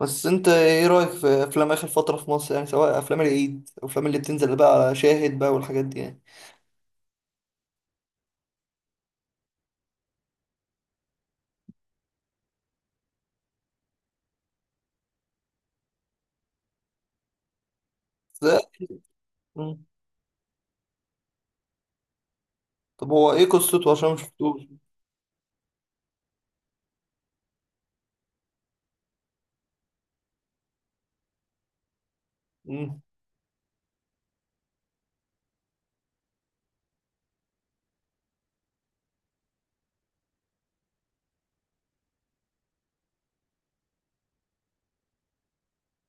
بس انت ايه رأيك في افلام اخر فترة في مصر، يعني سواء افلام العيد او افلام اللي بتنزل بقى على شاهد بقى والحاجات دي يعني. ازاي؟ مم. طب هو ايه قصته عشان ما شفتوش؟ مم.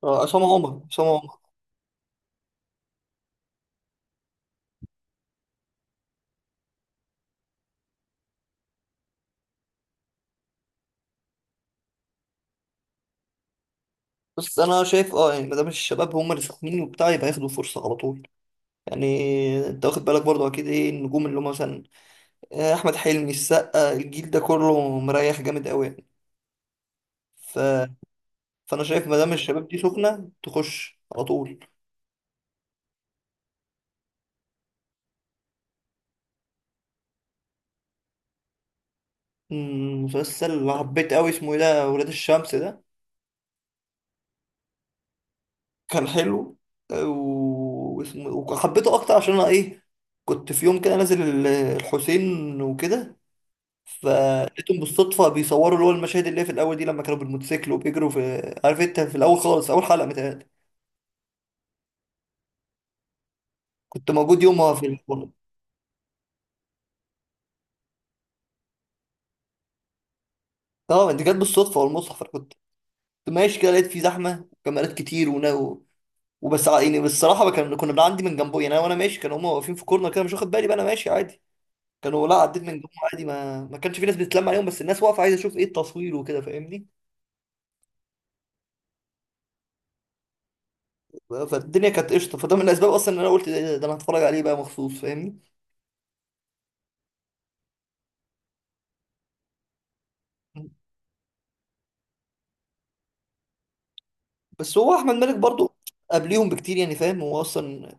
اه، عصام عمر عصام عمر. بس انا شايف يعني ما دام الشباب هم اللي ساخنين وبتاع يبقى ياخدوا فرصة على طول يعني. انت واخد بالك برضه، اكيد ايه النجوم اللي هم مثلا؟ اه، احمد حلمي، السقا، الجيل ده كله مريح جامد قوي يعني. ف... فانا شايف ما دام الشباب دي سخنة تخش على طول. مسلسل اللي حبيت قوي اسمه ايه ده، ولاد الشمس ده. كان حلو. واسمه وحبيته اكتر عشان انا ايه. كنت في يوم كده نازل الحسين وكده. فلقيتهم بالصدفه بيصوروا اللي هو المشاهد اللي هي في الاول دي، لما كانوا بالموتوسيكل وبيجروا في، عارف انت، في الاول خالص في اول حلقه متهيألي. كنت موجود يومها في الفورم. اه، دي كانت بالصدفه والمصحف. أنا كنت ماشي كده، لقيت في زحمه وكاميرات كتير ونا وبس يعني بالصراحه ما كنا بنعدي من جنبه، يعني انا، وانا ماشي كانوا هم واقفين في كورنر كده، مش واخد بالي، بقى انا ماشي عادي. كانوا لا، عديت من جنبهم عادي، ما كانش في ناس بتتلم عليهم، بس الناس واقفه عايزه تشوف ايه التصوير وكده، فاهمني. فالدنيا كانت قشطه، فده من الاسباب اصلا ان انا قلت ده انا هتفرج عليه بقى مخصوص، فاهمني. بس هو احمد مالك برضو قبليهم بكتير يعني، فاهم هو اصلا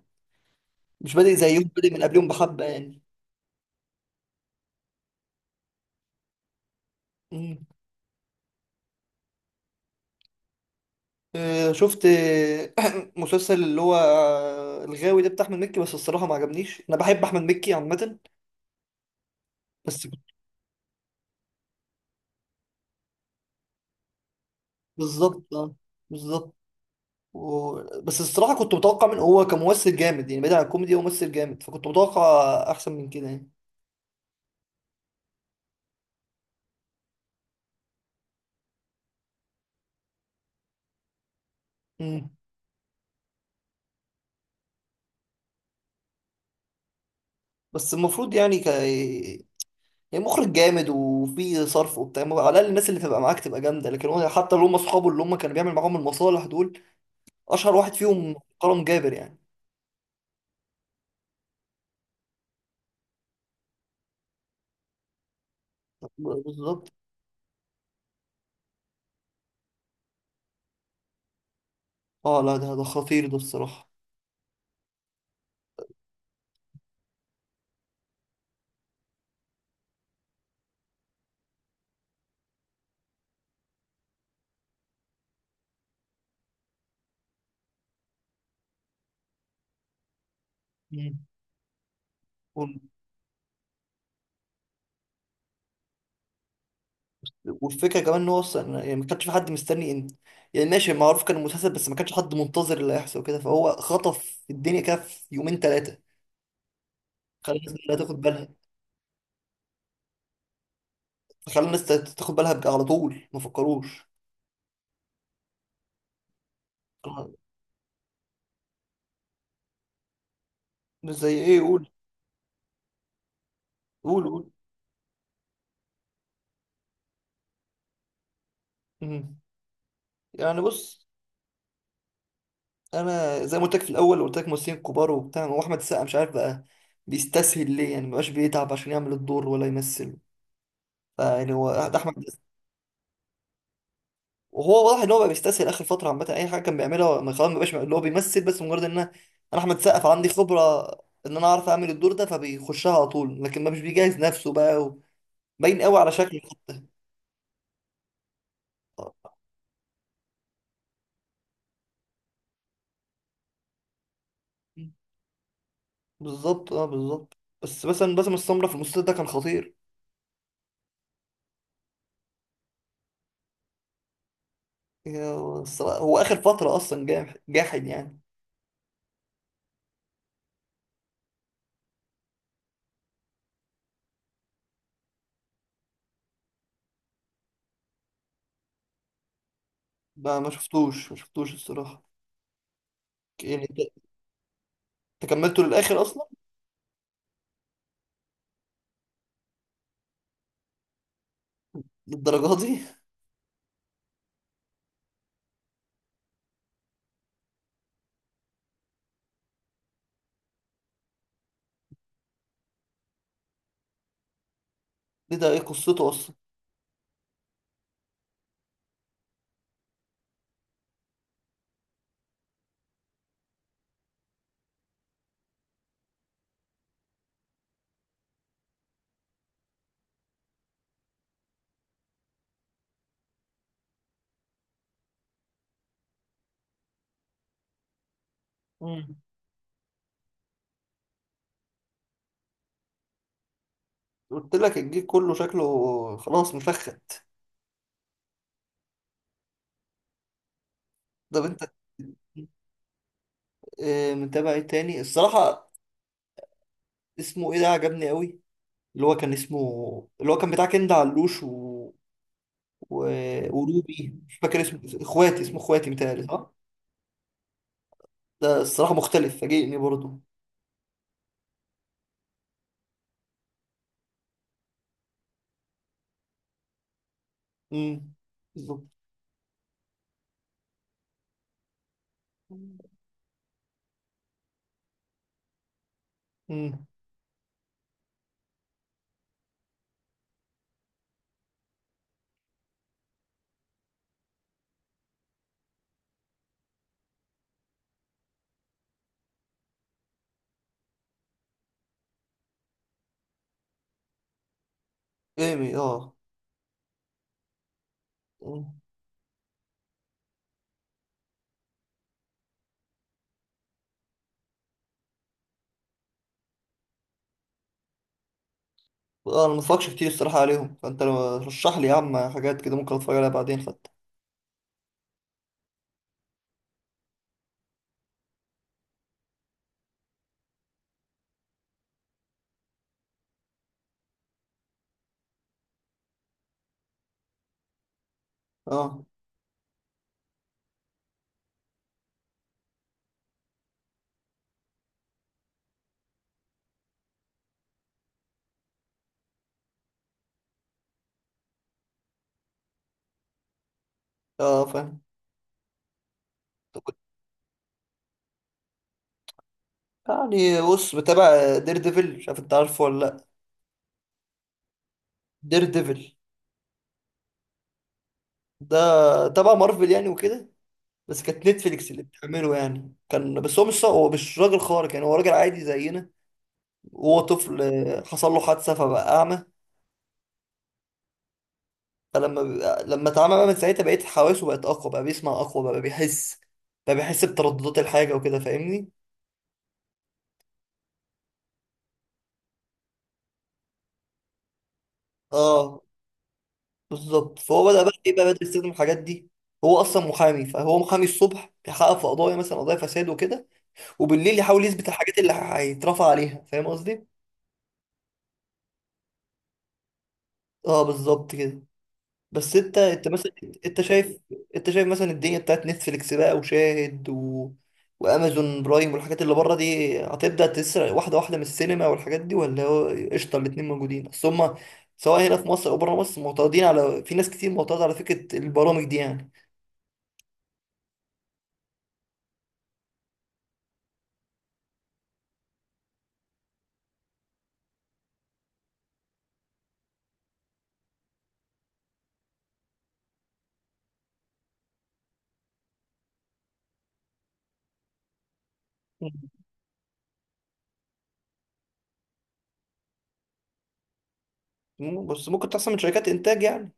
مش بادئ زيهم، بادئ من قبليهم، بحبه يعني. مم. شفت مسلسل اللي هو الغاوي ده بتاع احمد مكي، بس الصراحه ما عجبنيش، انا بحب احمد مكي عامه. بس. بالظبط بالظبط. و... بس الصراحة كنت متوقع من، هو كممثل جامد يعني بعيد عن الكوميدي، هو ممثل جامد، فكنت متوقع أحسن من كده يعني. مم. بس المفروض يعني يعني مخرج جامد وفي صرف وبتاع، على الأقل الناس اللي تبقى معاك تبقى جامدة، لكن هو حتى اللي هم أصحابه اللي هم كانوا بيعمل معاهم المصالح دول، أشهر واحد فيهم كرم جابر يعني. بالظبط اه. لا، ده خطير ده الصراحة. مم. والفكره كمان ان هو اصلا يعني ما كانش في حد مستني ان، يعني ماشي، معروف كان المسلسل، بس ما كانش حد منتظر اللي هيحصل كده، فهو خطف الدنيا كده في يومين ثلاثه. خلى الناس لا تاخد بالها. خلى الناس تاخد بالها بقى على طول، ما فكروش. آه، مش زي ايه، قول. قول قول. مم. يعني بص. انا زي ما قلت لك في الاول، قلت لك ممثلين كبار وبتاع، هو احمد السقا مش عارف بقى بيستسهل ليه يعني، ما بقاش بيتعب عشان يعمل الدور ولا يمثل. يعني هو ده احمد. وهو واضح ان هو بقى بيستسهل اخر فتره عامه، اي حاجه كان بيعملها، ما خلاص ما بقاش اللي هو بيمثل، بس مجرد ان أنا احمد سقف عندي خبره، ان انا اعرف اعمل الدور ده فبيخشها على طول، لكن ما مش بيجهز نفسه بقى باين قوي على شكله حتى. آه، بالظبط بالظبط. بس مثلا باسم السمره في المسلسل ده كان خطير. يا الصراحة، هو اخر فتره اصلا جاحد يعني. ما شفتوش، ما شفتوش الصراحه. يعني أنت كملته للاخر اصلا؟ للدرجه دي؟ ايه ده؟ ايه قصته اصلا؟ قلت لك الجيل كله شكله خلاص مفخت. طب انت. متابع ايه تاني الصراحة، اسمه ايه ده؟ عجبني قوي. اللي هو كان اسمه اللي هو كان بتاع كند علوش و... وروبي، مش فاكر اسمه. اخواتي، اسمه اخواتي متهيألي، صح؟ ده الصراحة مختلف، فاجئني برضه. امم. بالظبط. امم. ايمي اه. مم. اه، انا ما اتفرجش كتير الصراحة عليهم، فانت لو رشح لي يا عم حاجات كده ممكن اتفرج عليها بعدين حتى. اه اه فاهم. يعني بص، بتابع دير ديفل، مش عارف انت عارفه ولا لا. دير ديفل. ده تبع مارفل يعني وكده، بس كانت نتفليكس اللي بتعمله يعني، كان بس هو مش راجل خارق يعني، هو راجل عادي زينا. وهو طفل حصل له حادثة فبقى أعمى. لما اتعمى بقى، من ساعتها بقيت حواسه، بقت أقوى، بقى بيسمع أقوى، بقى بيحس بترددات الحاجة وكده، فاهمني؟ اه، بالظبط. فهو بدأ بقى ايه، بقى بدأ يستخدم الحاجات دي. هو أصلا محامي، فهو محامي الصبح بيحقق في قضايا، مثلا قضايا فساد وكده، وبالليل يحاول يثبت الحاجات اللي هيترفع عليها، فاهم قصدي؟ اه بالظبط كده. بس انت مثلا، انت شايف انت شايف مثلا الدنيا بتاعت نتفليكس بقى وشاهد وامازون برايم والحاجات اللي بره دي هتبدا تسرق واحده واحده من السينما والحاجات دي، ولا هو قشطه الاتنين موجودين؟ اصل هما سواء هنا في مصر او بره مصر معترضين على، في ناس كتير معترضه على فكره البرامج دي يعني. مم. بس ممكن تحصل من شركات انتاج يعني.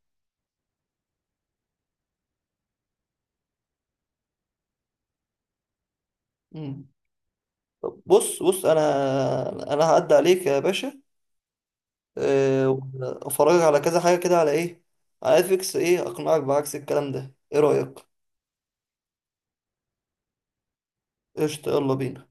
مم. طب بص بص، انا هعدي عليك يا باشا، افرجك على كذا حاجة كده، على ايه، على نتفليكس، ايه اقنعك بعكس الكلام ده؟ ايه رأيك؟ قشطة، يلا بينا.